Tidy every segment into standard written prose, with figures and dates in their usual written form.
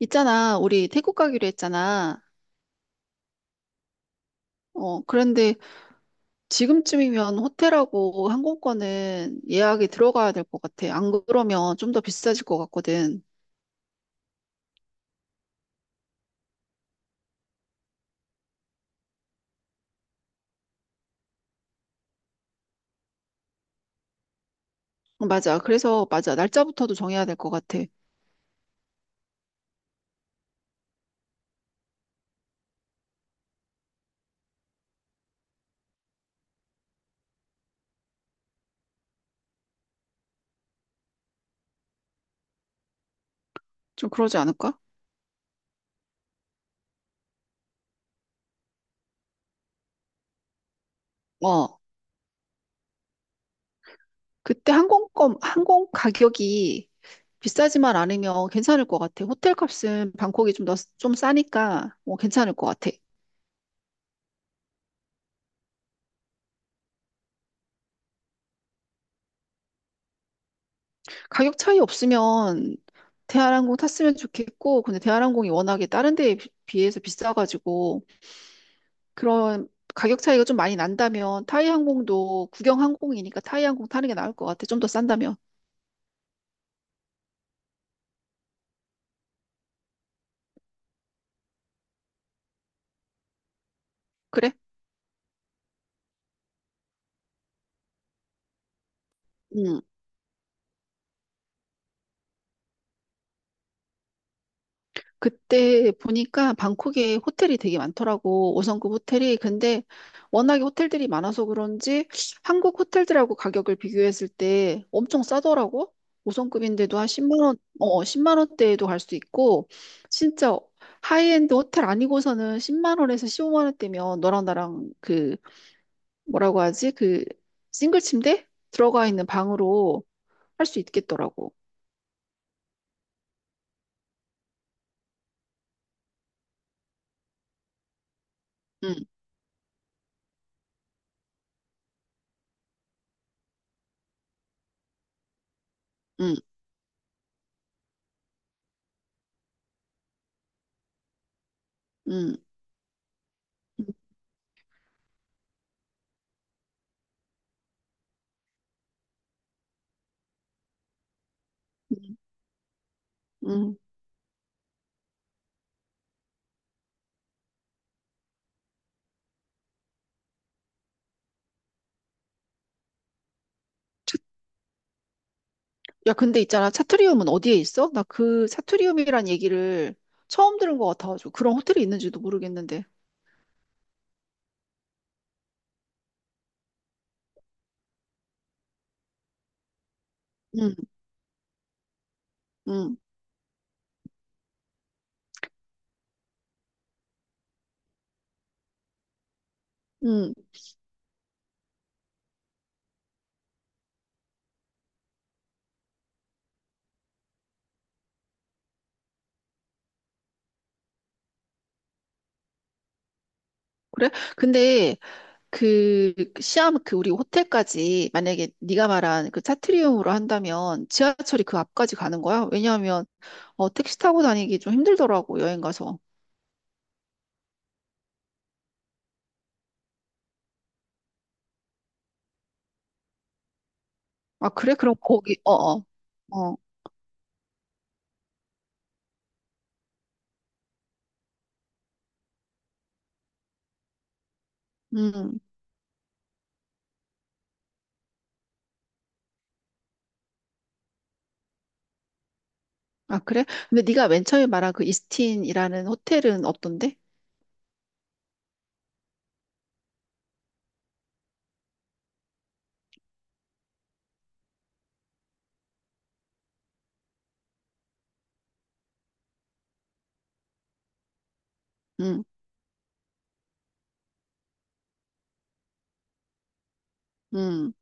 있잖아, 우리 태국 가기로 했잖아. 어, 그런데 지금쯤이면 호텔하고 항공권은 예약이 들어가야 될 것 같아. 안 그러면 좀 더 비싸질 것 같거든. 어, 맞아. 그래서, 맞아. 날짜부터도 정해야 될 것 같아. 좀 그러지 않을까? 어, 그때 항공 가격이 비싸지만 않으면 괜찮을 것 같아. 호텔 값은 방콕이 좀 싸니까, 괜찮을 것 같아. 가격 차이 없으면 대한항공 탔으면 좋겠고, 근데 대한항공이 워낙에 다른 데에 비해서 비싸가지고, 그런 가격 차이가 좀 많이 난다면, 타이항공도 국영항공이니까 타이항공 타는 게 나을 것 같아. 좀 더 싼다면. 그래? 응. 그때 보니까 방콕에 호텔이 되게 많더라고. 5성급 호텔이. 근데 워낙에 호텔들이 많아서 그런지 한국 호텔들하고 가격을 비교했을 때 엄청 싸더라고. 5성급인데도 한 10만 원, 어, 10만 원대에도 갈 수 있고 진짜 하이엔드 호텔 아니고서는 10만 원에서 15만 원대면 너랑 나랑 그 뭐라고 하지? 그 싱글 침대 들어가 있는 방으로 할 수 있겠더라고. 응. 응. 응. 응. 응. 응. 야, 근데 있잖아. 차트리움은 어디에 있어? 나 그 차트리움이란 얘기를 처음 들은 것 같아가지고 그런 호텔이 있는지도 모르겠는데. 응. 응. 응. 그래? 근데 그 시암, 그 우리 호텔까지 만약에 네가 말한 그 차트리움으로 한다면 지하철이 그 앞까지 가는 거야? 왜냐하면 택시 타고 다니기 좀 힘들더라고 여행 가서. 아, 그래? 그럼 거기 어어. 어. 어. 음. 아, 그래? 근데 네가 맨 처음에 말한 그 이스틴이라는 호텔은 어떤데? 응. 응.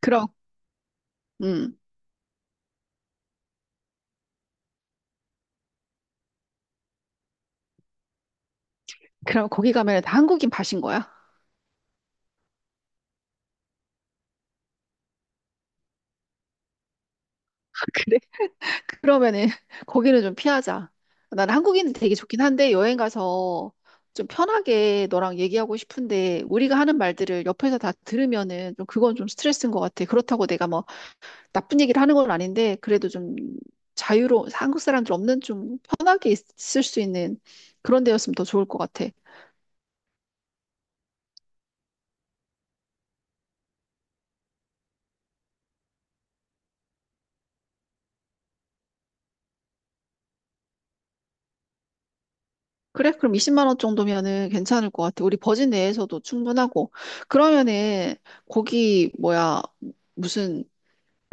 그럼, 응, 그럼 거기 가면 다 한국인 밭인 거야? 그러면은 거기는 좀 피하자. 난 한국인이 되게 좋긴 한데 여행 가서 좀 편하게 너랑 얘기하고 싶은데 우리가 하는 말들을 옆에서 다 들으면은 좀, 그건 좀 스트레스인 것 같아. 그렇다고 내가 뭐 나쁜 얘기를 하는 건 아닌데 그래도 좀 자유로 한국 사람들 없는 좀 편하게 있을 수 있는 그런 데였으면 더 좋을 것 같아. 그래? 그럼 20만 원 정도면은 괜찮을 것 같아. 우리 버진 내에서도 충분하고. 그러면은 거기 뭐야? 무슨,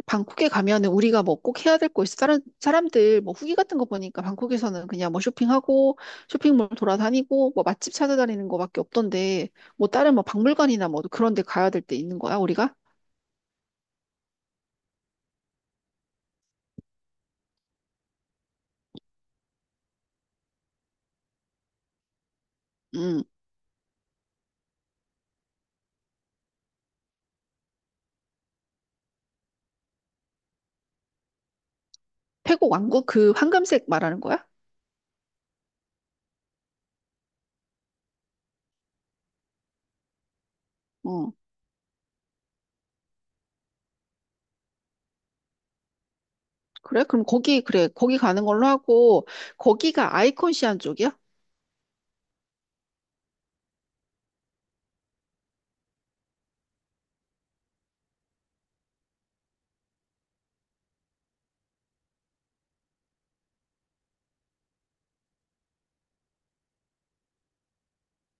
방콕에 가면은 우리가 뭐 꼭 해야 될 거 있어? 다른 사람들 뭐 후기 같은 거 보니까 방콕에서는 그냥 뭐 쇼핑하고 쇼핑몰 돌아다니고 뭐 맛집 찾아다니는 거밖에 없던데 뭐 다른 뭐 박물관이나 뭐 그런 데 가야 될 때 있는 거야, 우리가? 음. 태국 왕국 그 황금색 말하는 거야? 어. 그래? 그럼 거기, 그래. 거기 가는 걸로 하고 거기가 아이콘 시안 쪽이야?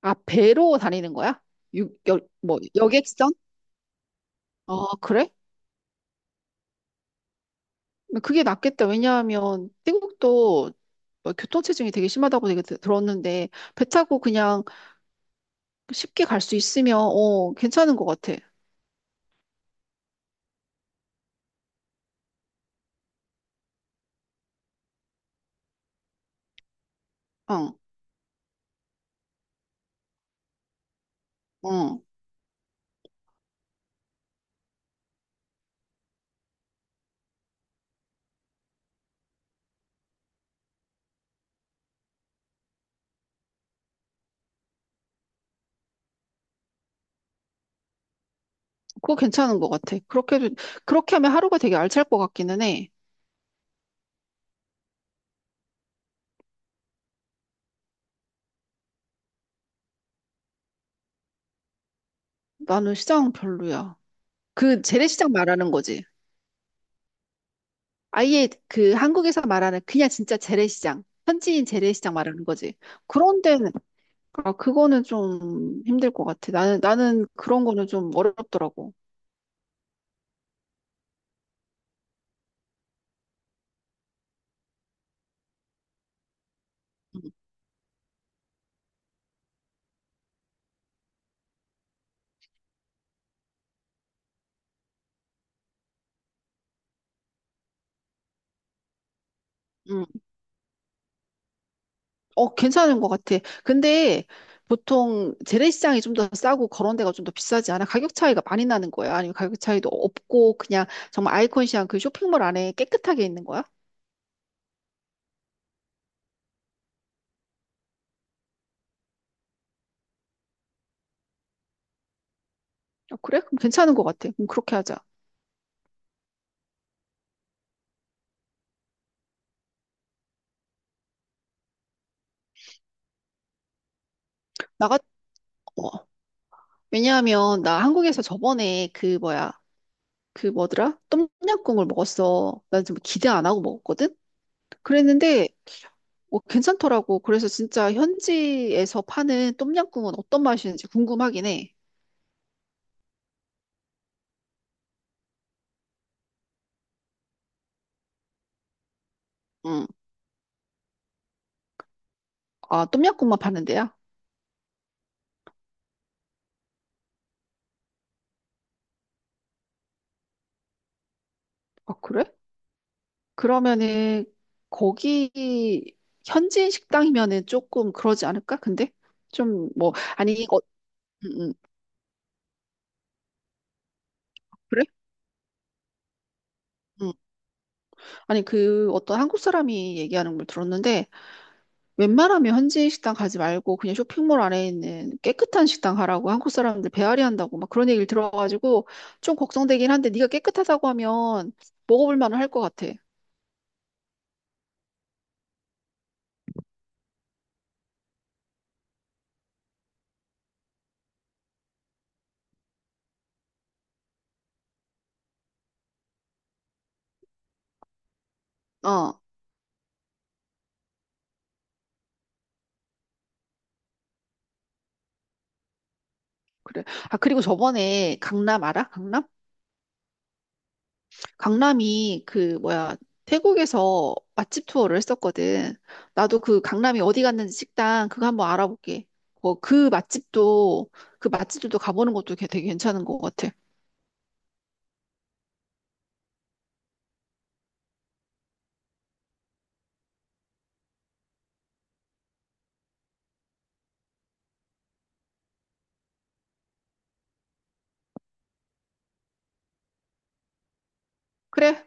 아, 배로 다니는 거야? 뭐 여객선? 아, 그래? 그게 낫겠다. 왜냐하면 태국도 뭐 교통체증이 되게 심하다고 들었는데 배 타고 그냥 쉽게 갈 수 있으면 괜찮은 것 같아. 응. 응. 그거 괜찮은 것 같아. 그렇게 하면 하루가 되게 알찰 것 같기는 해. 나는 시장 별로야. 그 재래시장 말하는 거지. 아예 그 한국에서 말하는 그냥 진짜 재래시장, 현지인 재래시장 말하는 거지. 그런 데는 아, 그거는 좀 힘들 것 같아. 나는 그런 거는 좀 어렵더라고. 응. 응. 어, 괜찮은 것 같아. 근데 보통 재래시장이 좀 더 싸고 그런 데가 좀 더 비싸지 않아? 가격 차이가 많이 나는 거야? 아니면 가격 차이도 없고 그냥 정말 아이콘 시한 그 쇼핑몰 안에 깨끗하게 있는 거야? 어, 그래? 그럼 괜찮은 것 같아. 그럼 그렇게 하자. 나가, 어. 왜냐하면 나 한국에서 저번에 그 뭐야, 그 뭐더라? 똠양꿍을 먹었어. 난 좀 기대 안 하고 먹었거든? 그랬는데 괜찮더라고. 그래서 진짜 현지에서 파는 똠양꿍은 어떤 맛이는지 궁금하긴 해. 응. 아, 똠얌꿍만 파는 데야? 아, 그래? 그러면은 거기 현지인 식당이면은 조금 그러지 않을까? 근데 좀, 뭐, 아니, 어, 음, 음, 그래? 음. 아니, 그 어떤 한국 사람이 얘기하는 걸 들었는데 웬만하면 현지인 식당 가지 말고 그냥 쇼핑몰 안에 있는 깨끗한 식당 가라고, 한국 사람들 배앓이 한다고 막 그런 얘기를 들어가지고 좀 걱정되긴 한데 네가 깨끗하다고 하면 먹어볼 만은 할 것 같아. 어. 그래. 아, 그리고 저번에 강남 알아? 강남? 강남이 그 뭐야, 태국에서 맛집 투어를 했었거든. 나도 그 강남이 어디 갔는지 식당 그거 한번 알아볼게. 뭐 그 맛집도 그 맛집들도 가보는 것도 되게 괜찮은 것 같아. 그래?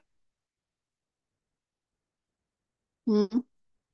음.